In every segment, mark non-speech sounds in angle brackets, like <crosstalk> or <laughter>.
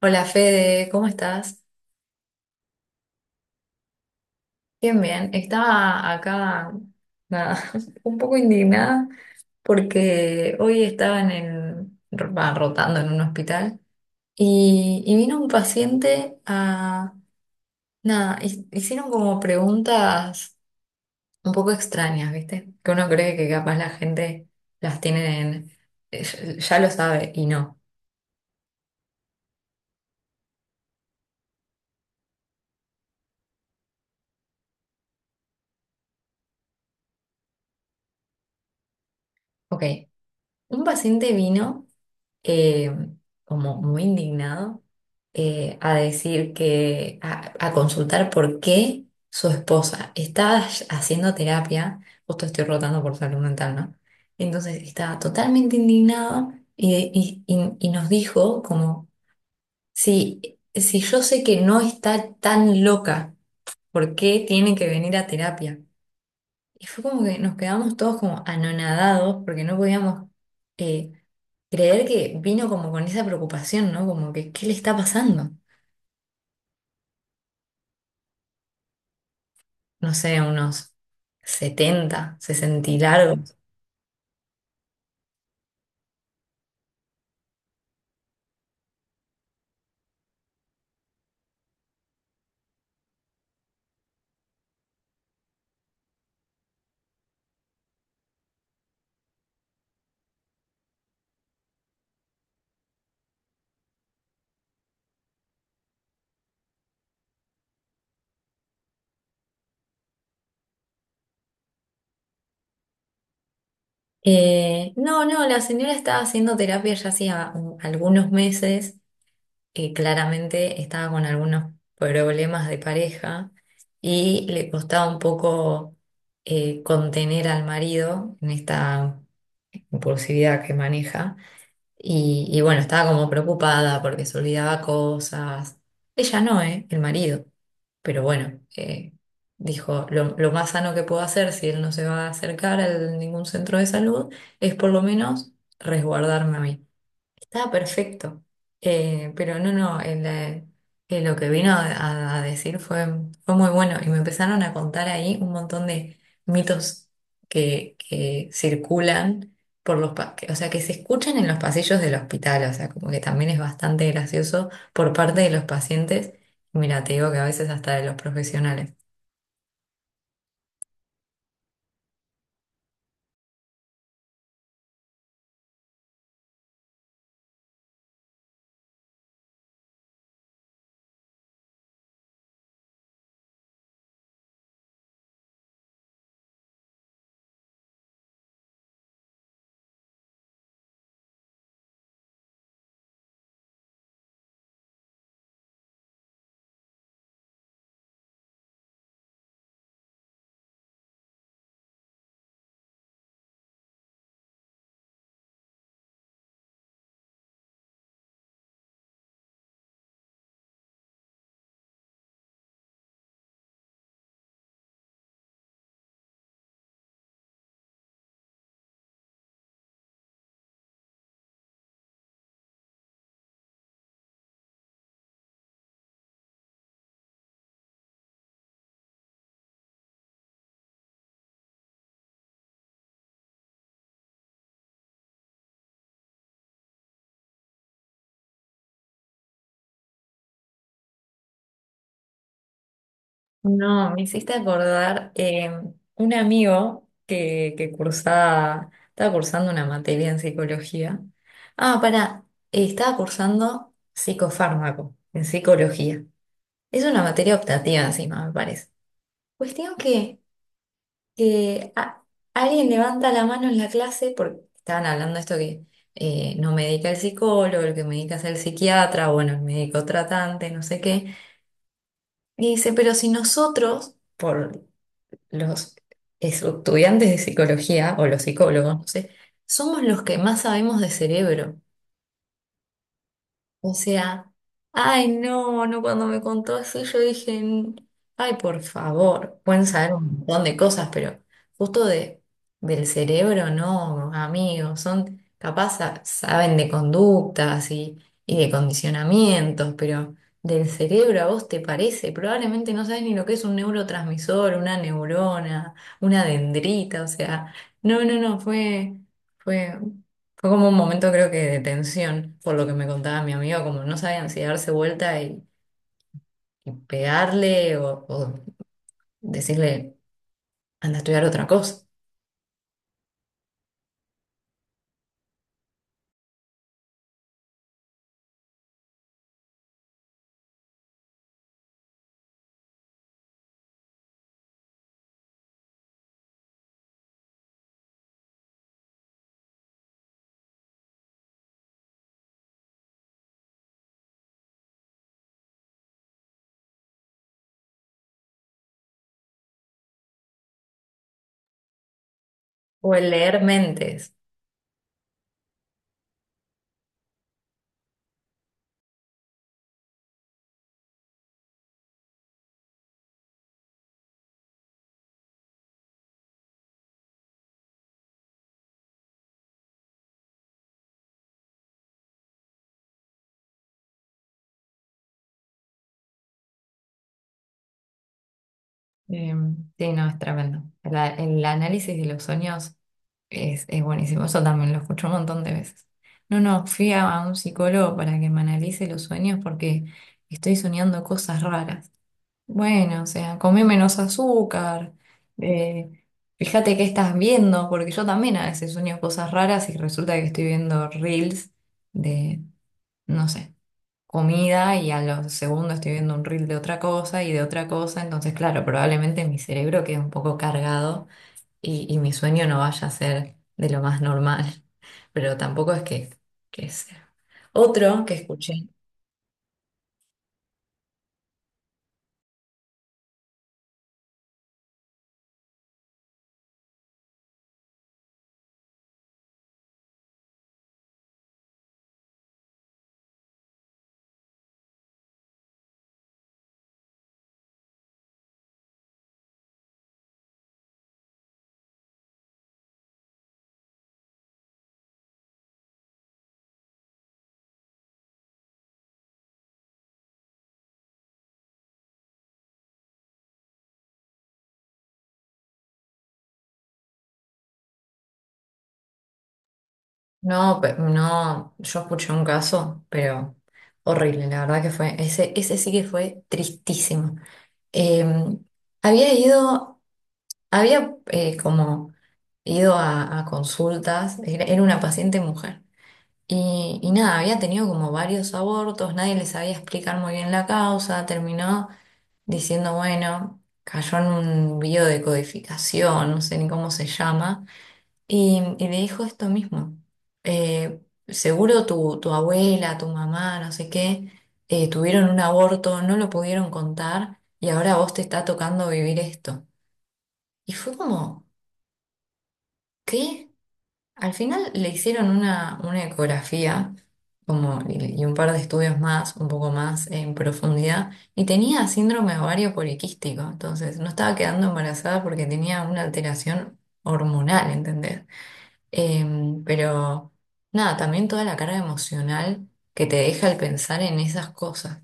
Hola Fede, ¿cómo estás? Bien, bien. Estaba acá, nada, <laughs> un poco indignada porque hoy estaban rotando en un hospital y vino un paciente a, nada, hicieron como preguntas un poco extrañas, ¿viste? Que uno cree que capaz la gente las tiene ya lo sabe y no. Ok, un paciente vino. eh, Como muy indignado, a decir que, a consultar por qué su esposa estaba haciendo terapia, justo estoy rotando por salud mental, ¿no? Entonces estaba totalmente indignado y nos dijo como, si yo sé que no está tan loca, ¿por qué tiene que venir a terapia? Y fue como que nos quedamos todos como anonadados porque no podíamos eh, creer que vino como con esa preocupación, ¿no? Como que, ¿qué le está pasando? No sé, unos setenta, 60 y largos. No, no, la señora estaba haciendo terapia ya hacía algunos meses, claramente estaba con algunos problemas de pareja y le costaba un poco, contener al marido en esta impulsividad que maneja. Y bueno, estaba como preocupada porque se olvidaba cosas. Ella no, ¿eh? El marido. Pero bueno, dijo, lo más sano que puedo hacer si él no se va a acercar a ningún centro de salud es por lo menos resguardarme a mí. Estaba perfecto. Pero no, no, lo que vino a decir fue, fue muy bueno y me empezaron a contar ahí un montón de mitos que circulan por o sea, que se escuchan en los pasillos del hospital, o sea, como que también es bastante gracioso por parte de los pacientes. Y mira, te digo que a veces hasta de los profesionales. No, me hiciste acordar un amigo que cursaba, estaba cursando una materia en psicología. Ah, para estaba cursando psicofármaco en psicología. Es una materia optativa encima, me parece. Cuestión que a- Alguien levanta la mano en la clase porque estaban hablando de esto que no medica el psicólogo, el que medica es el psiquiatra, bueno, el médico tratante, no sé qué. Y dice, pero si nosotros, por los estudiantes de psicología o los psicólogos, no sé, somos los que más sabemos de cerebro. O sea, ay, no, no, cuando me contó así, yo dije, Ay, por favor, pueden saber un montón de cosas, pero justo del cerebro, no, amigos, son capaz, saben de conductas y de condicionamientos, pero del cerebro a vos te parece, probablemente no sabes ni lo que es un neurotransmisor, una neurona, una dendrita, o sea, no, no, no, fue. Fue como un momento creo que de tensión, por lo que me contaba mi amigo, como no sabían si darse vuelta y pegarle o decirle, anda a estudiar otra cosa, o el leer mentes. Eh, sí, no, es tremendo. El análisis de los sueños es buenísimo, eso también lo escucho un montón de veces. No, no, fui a un psicólogo para que me analice los sueños porque estoy soñando cosas raras. Bueno, o sea, come menos azúcar, eh, fíjate qué estás viendo, porque yo también a veces sueño cosas raras y resulta que estoy viendo reels de, no sé, comida y a los segundos estoy viendo un reel de otra cosa y de otra cosa, entonces claro, probablemente mi cerebro quede un poco cargado y mi sueño no vaya a ser de lo más normal, <laughs> pero tampoco es que sea. Otro que escuché. No, no, yo escuché un caso, pero horrible, la verdad que fue, ese sí que fue tristísimo. Eh, había ido, había como ido a consultas, era, era una paciente mujer, y nada, había tenido como varios abortos, nadie le sabía explicar muy bien la causa, terminó diciendo, bueno, cayó en un biodecodificación, no sé ni cómo se llama y le dijo esto mismo. eh, Seguro tu abuela, tu mamá, no sé qué, tuvieron un aborto, no lo pudieron contar y ahora a vos te está tocando vivir esto. Y fue como, ¿qué? Al final le hicieron una ecografía como, y un par de estudios más, un poco más en profundidad, y tenía síndrome ovario poliquístico. Entonces no estaba quedando embarazada porque tenía una alteración hormonal, ¿entendés? Em, pero nada, también toda la carga emocional que te deja el pensar en esas cosas.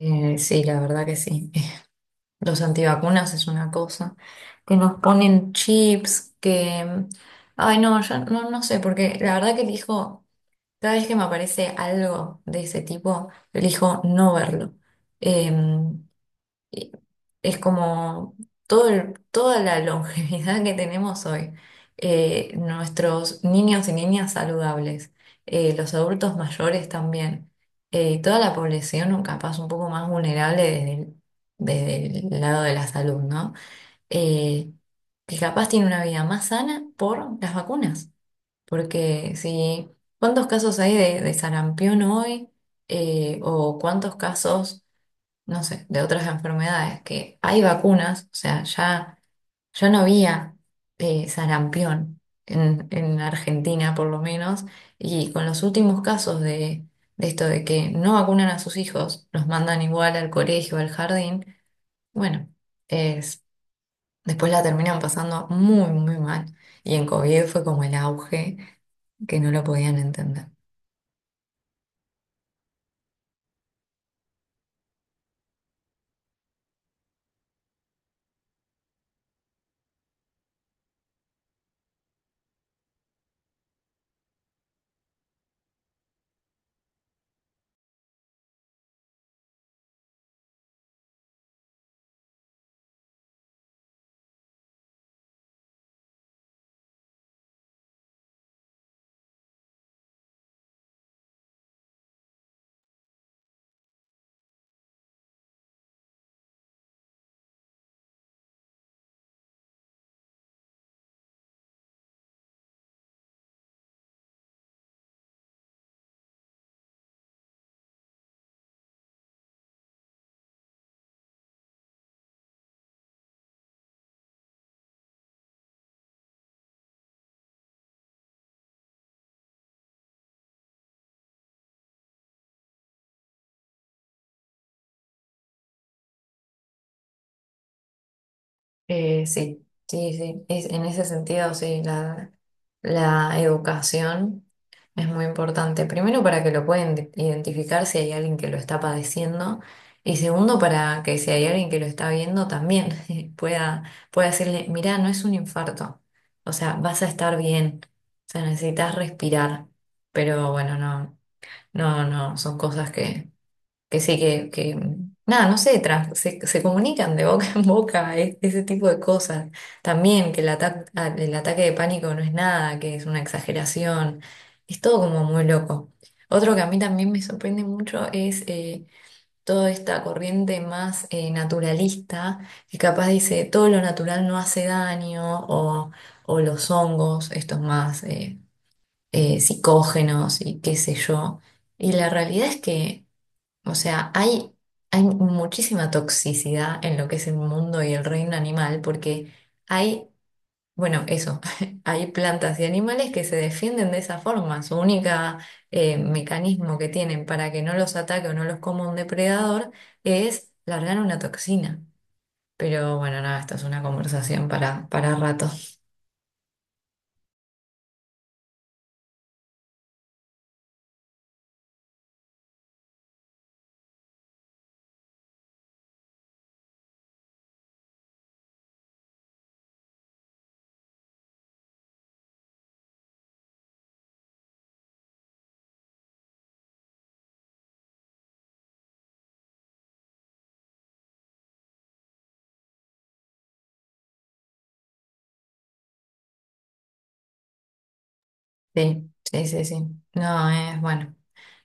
Sí, la verdad que sí. <laughs> Los antivacunas es una cosa. Que nos ponen chips, que... mm, ay, no, yo no, no sé, porque la verdad que elijo, cada vez que me aparece algo de ese tipo, elijo no verlo. Em, Y es como todo toda la longevidad que tenemos hoy, nuestros niños y niñas saludables, los adultos mayores también, toda la población capaz un poco más vulnerable desde el lado de la salud, ¿no? Eh, que capaz tiene una vida más sana por las vacunas, porque si, ¿cuántos casos hay de sarampión hoy? ¿O cuántos casos no sé, de otras enfermedades, que hay vacunas, o sea, ya, ya no había sarampión en Argentina por lo menos, y con los últimos casos de esto de que no vacunan a sus hijos, los mandan igual al colegio, al jardín, bueno, es, después la terminan pasando muy, muy mal, y en COVID fue como el auge que no lo podían entender. Sí, sí, sí. En ese sentido, sí, la educación es muy importante. Primero, para que lo puedan identificar si hay alguien que lo está padeciendo. Y segundo, para que si hay alguien que lo está viendo, también <laughs> pueda, pueda decirle, mirá, no es un infarto. O sea, vas a estar bien. O sea, necesitas respirar. Pero bueno, no, no, no, son cosas que sí, que, nada, no sé, se comunican de boca en boca, ese tipo de cosas. También que el, el ataque de pánico no es nada, que es una exageración, es todo como muy loco. Otro que a mí también me sorprende mucho es toda esta corriente más naturalista, que capaz dice todo lo natural no hace daño, o los hongos, estos más psicógenos y qué sé yo. Y la realidad es que... O sea, hay muchísima toxicidad en lo que es el mundo y el reino animal porque hay, bueno, eso, <laughs> hay plantas y animales que se defienden de esa forma. Su única mecanismo que tienen para que no los ataque o no los coma un depredador es largar una toxina. Pero bueno, nada, esto es una conversación para rato. Sí, sí, sí, sí. No, es bueno.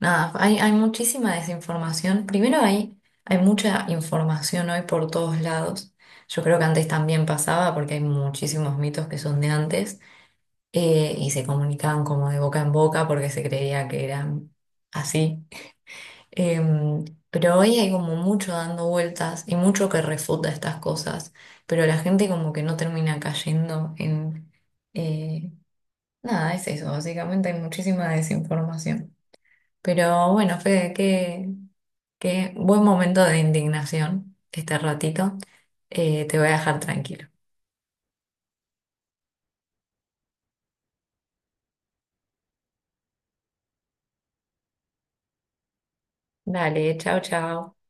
Nada, hay muchísima desinformación. Primero hay, hay mucha información hoy por todos lados. Yo creo que antes también pasaba porque hay muchísimos mitos que son de antes y se comunicaban como de boca en boca porque se creía que eran así. Em, pero hoy hay como mucho dando vueltas y mucho que refuta estas cosas, pero la gente como que no termina cayendo en... eh, Nada, es eso, básicamente hay muchísima desinformación. Pero bueno, Fede, qué, qué buen momento de indignación este ratito. Te voy a dejar tranquilo. Dale, chao, chao.